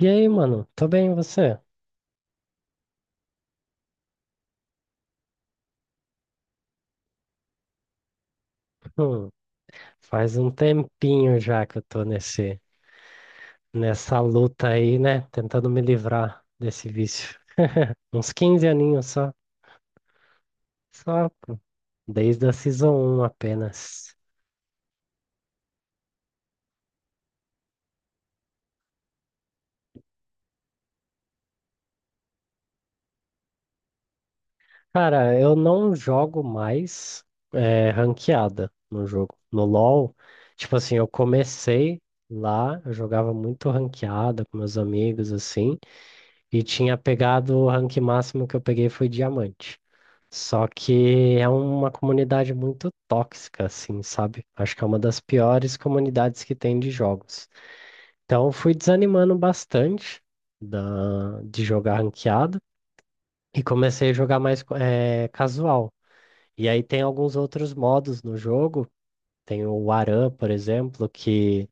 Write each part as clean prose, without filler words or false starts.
E aí, mano? Tô bem, e você? Hum, faz um tempinho já que eu tô nessa luta aí, né? Tentando me livrar desse vício. Uns 15 aninhos só. Só, pô. Desde a Season um apenas. Cara, eu não jogo mais ranqueada no jogo. No LoL, tipo assim, eu comecei lá, eu jogava muito ranqueada com meus amigos, assim. E tinha pegado o rank máximo que eu peguei foi diamante. Só que é uma comunidade muito tóxica, assim, sabe? Acho que é uma das piores comunidades que tem de jogos. Então eu fui desanimando bastante de jogar ranqueado e comecei a jogar mais casual. E aí tem alguns outros modos no jogo. Tem o Aran, por exemplo, que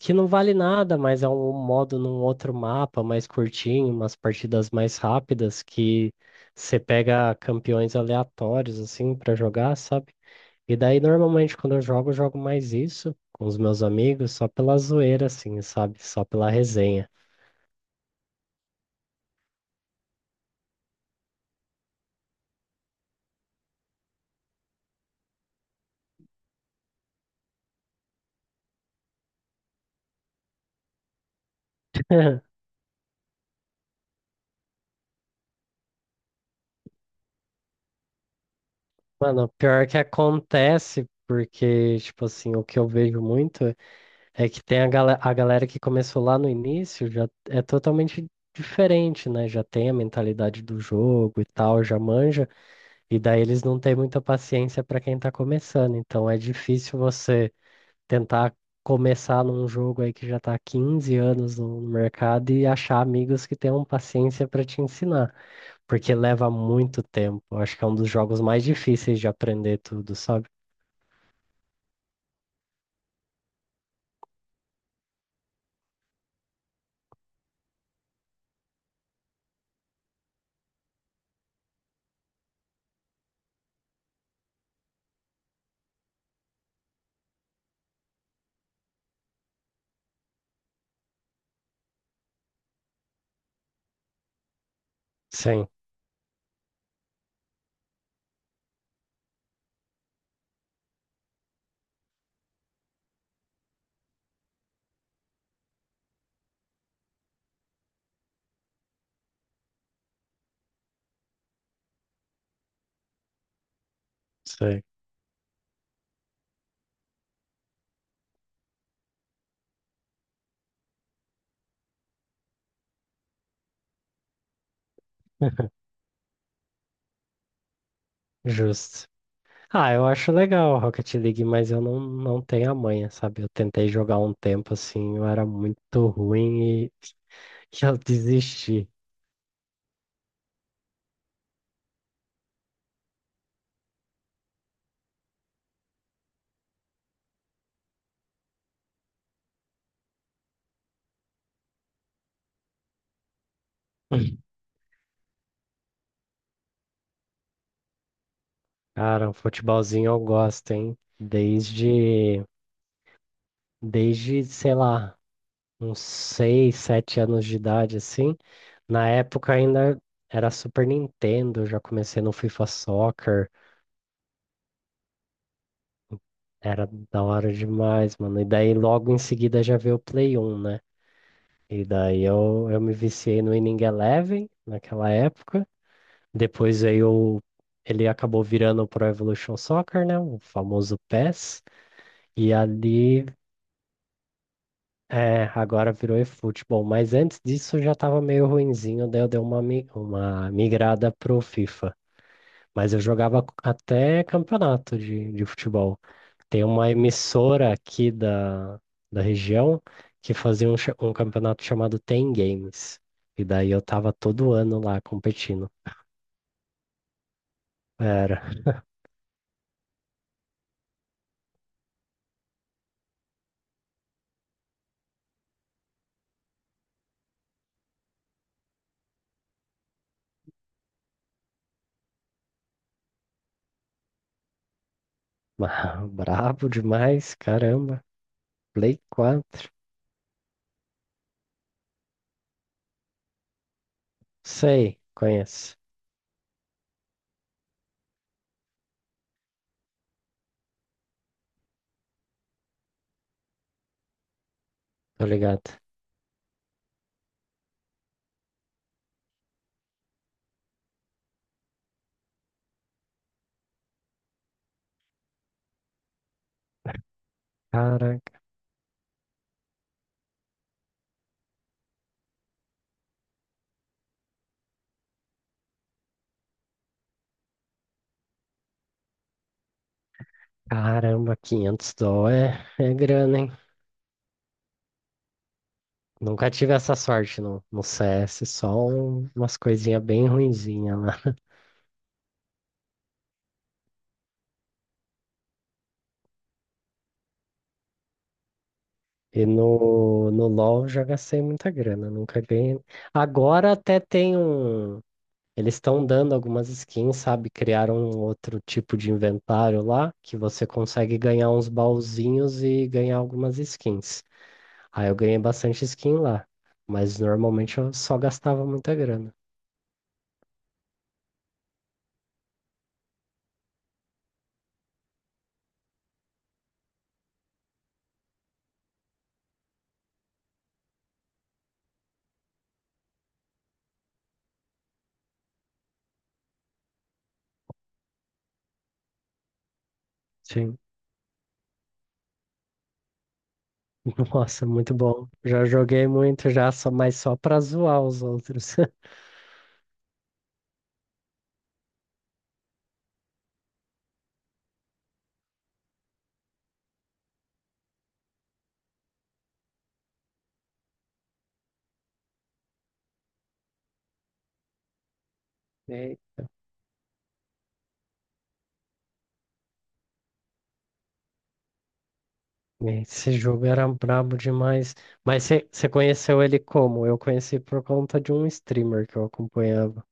que não vale nada, mas é um modo num outro mapa mais curtinho, umas partidas mais rápidas que você pega campeões aleatórios assim pra jogar, sabe? E daí normalmente quando eu jogo mais isso com os meus amigos, só pela zoeira assim, sabe? Só pela resenha. Mano, o pior que acontece, porque tipo assim, o que eu vejo muito é que tem a galera que começou lá no início, já é totalmente diferente, né? Já tem a mentalidade do jogo e tal, já manja, e daí eles não têm muita paciência para quem tá começando. Então é difícil você tentar começar num jogo aí que já tá há 15 anos no mercado e achar amigos que tenham paciência para te ensinar, porque leva muito tempo. Eu acho que é um dos jogos mais difíceis de aprender tudo, sabe? Sim, sei. Justo. Ah, eu acho legal a Rocket League, mas eu não, não tenho a manha, sabe? Eu tentei jogar um tempo assim, eu era muito ruim e eu desisti. Cara, um futebolzinho eu gosto, hein? Desde, sei lá, uns 6, 7 anos de idade, assim. Na época ainda era Super Nintendo, eu já comecei no FIFA Soccer, era da hora demais, mano. E daí logo em seguida já veio o Play 1, né? E daí eu me viciei no Winning Eleven naquela época. Depois aí o- ele acabou virando o Pro Evolution Soccer, né? O famoso PES. E ali é, agora virou eFootball. Mas antes disso eu já tava meio ruinzinho, daí eu dei uma migrada pro FIFA. Mas eu jogava até campeonato de futebol. Tem uma emissora aqui da região que fazia um campeonato chamado Ten Games. E daí eu tava todo ano lá competindo. Era brabo demais, caramba. Play 4. Sei, conheço. Tô ligado. Cara, caramba, 500 dó é, é grana, hein? Nunca tive essa sorte no CS, só umas coisinhas bem ruinzinhas lá. E no LoL já gastei muita grana, nunca ganhei. Agora até tem um. Eles estão dando algumas skins, sabe? Criaram um outro tipo de inventário lá que você consegue ganhar uns baúzinhos e ganhar algumas skins. Aí eu ganhei bastante skin lá, mas normalmente eu só gastava muita grana. Sim. Nossa, muito bom. Já joguei muito já, só, mas só pra zoar os outros. É, é, esse jogo era brabo demais. Mas você conheceu ele como? Eu conheci por conta de um streamer que eu acompanhava.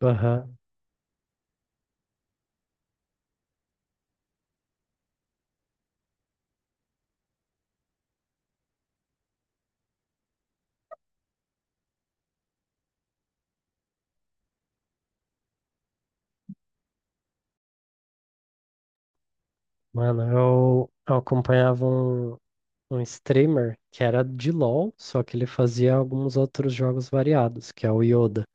Aham. Mano, eu acompanhava um streamer que era de LoL, só que ele fazia alguns outros jogos variados, que é o Yoda.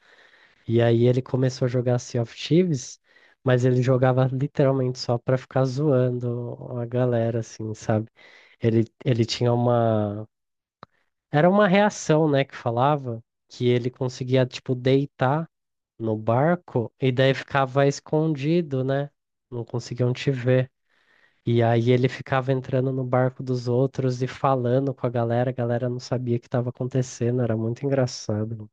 E aí ele começou a jogar Sea of Thieves, mas ele jogava literalmente só pra ficar zoando a galera, assim, sabe? Ele tinha uma era uma reação, né, que falava que ele conseguia, tipo, deitar no barco e daí ficava escondido, né? Não conseguiam te ver. E aí ele ficava entrando no barco dos outros e falando com a galera não sabia o que estava acontecendo, era muito engraçado.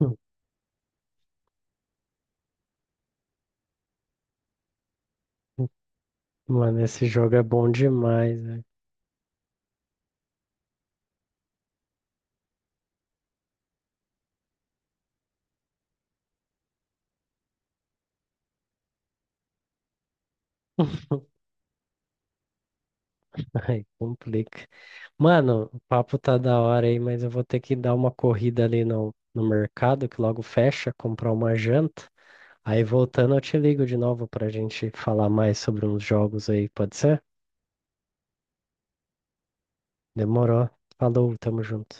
Mano, esse jogo é bom demais, né? Ai, complica. Mano, o papo tá da hora aí, mas eu vou ter que dar uma corrida ali no mercado, que logo fecha, comprar uma janta. Aí voltando, eu te ligo de novo pra gente falar mais sobre uns jogos aí, pode ser? Demorou. Falou, tamo junto.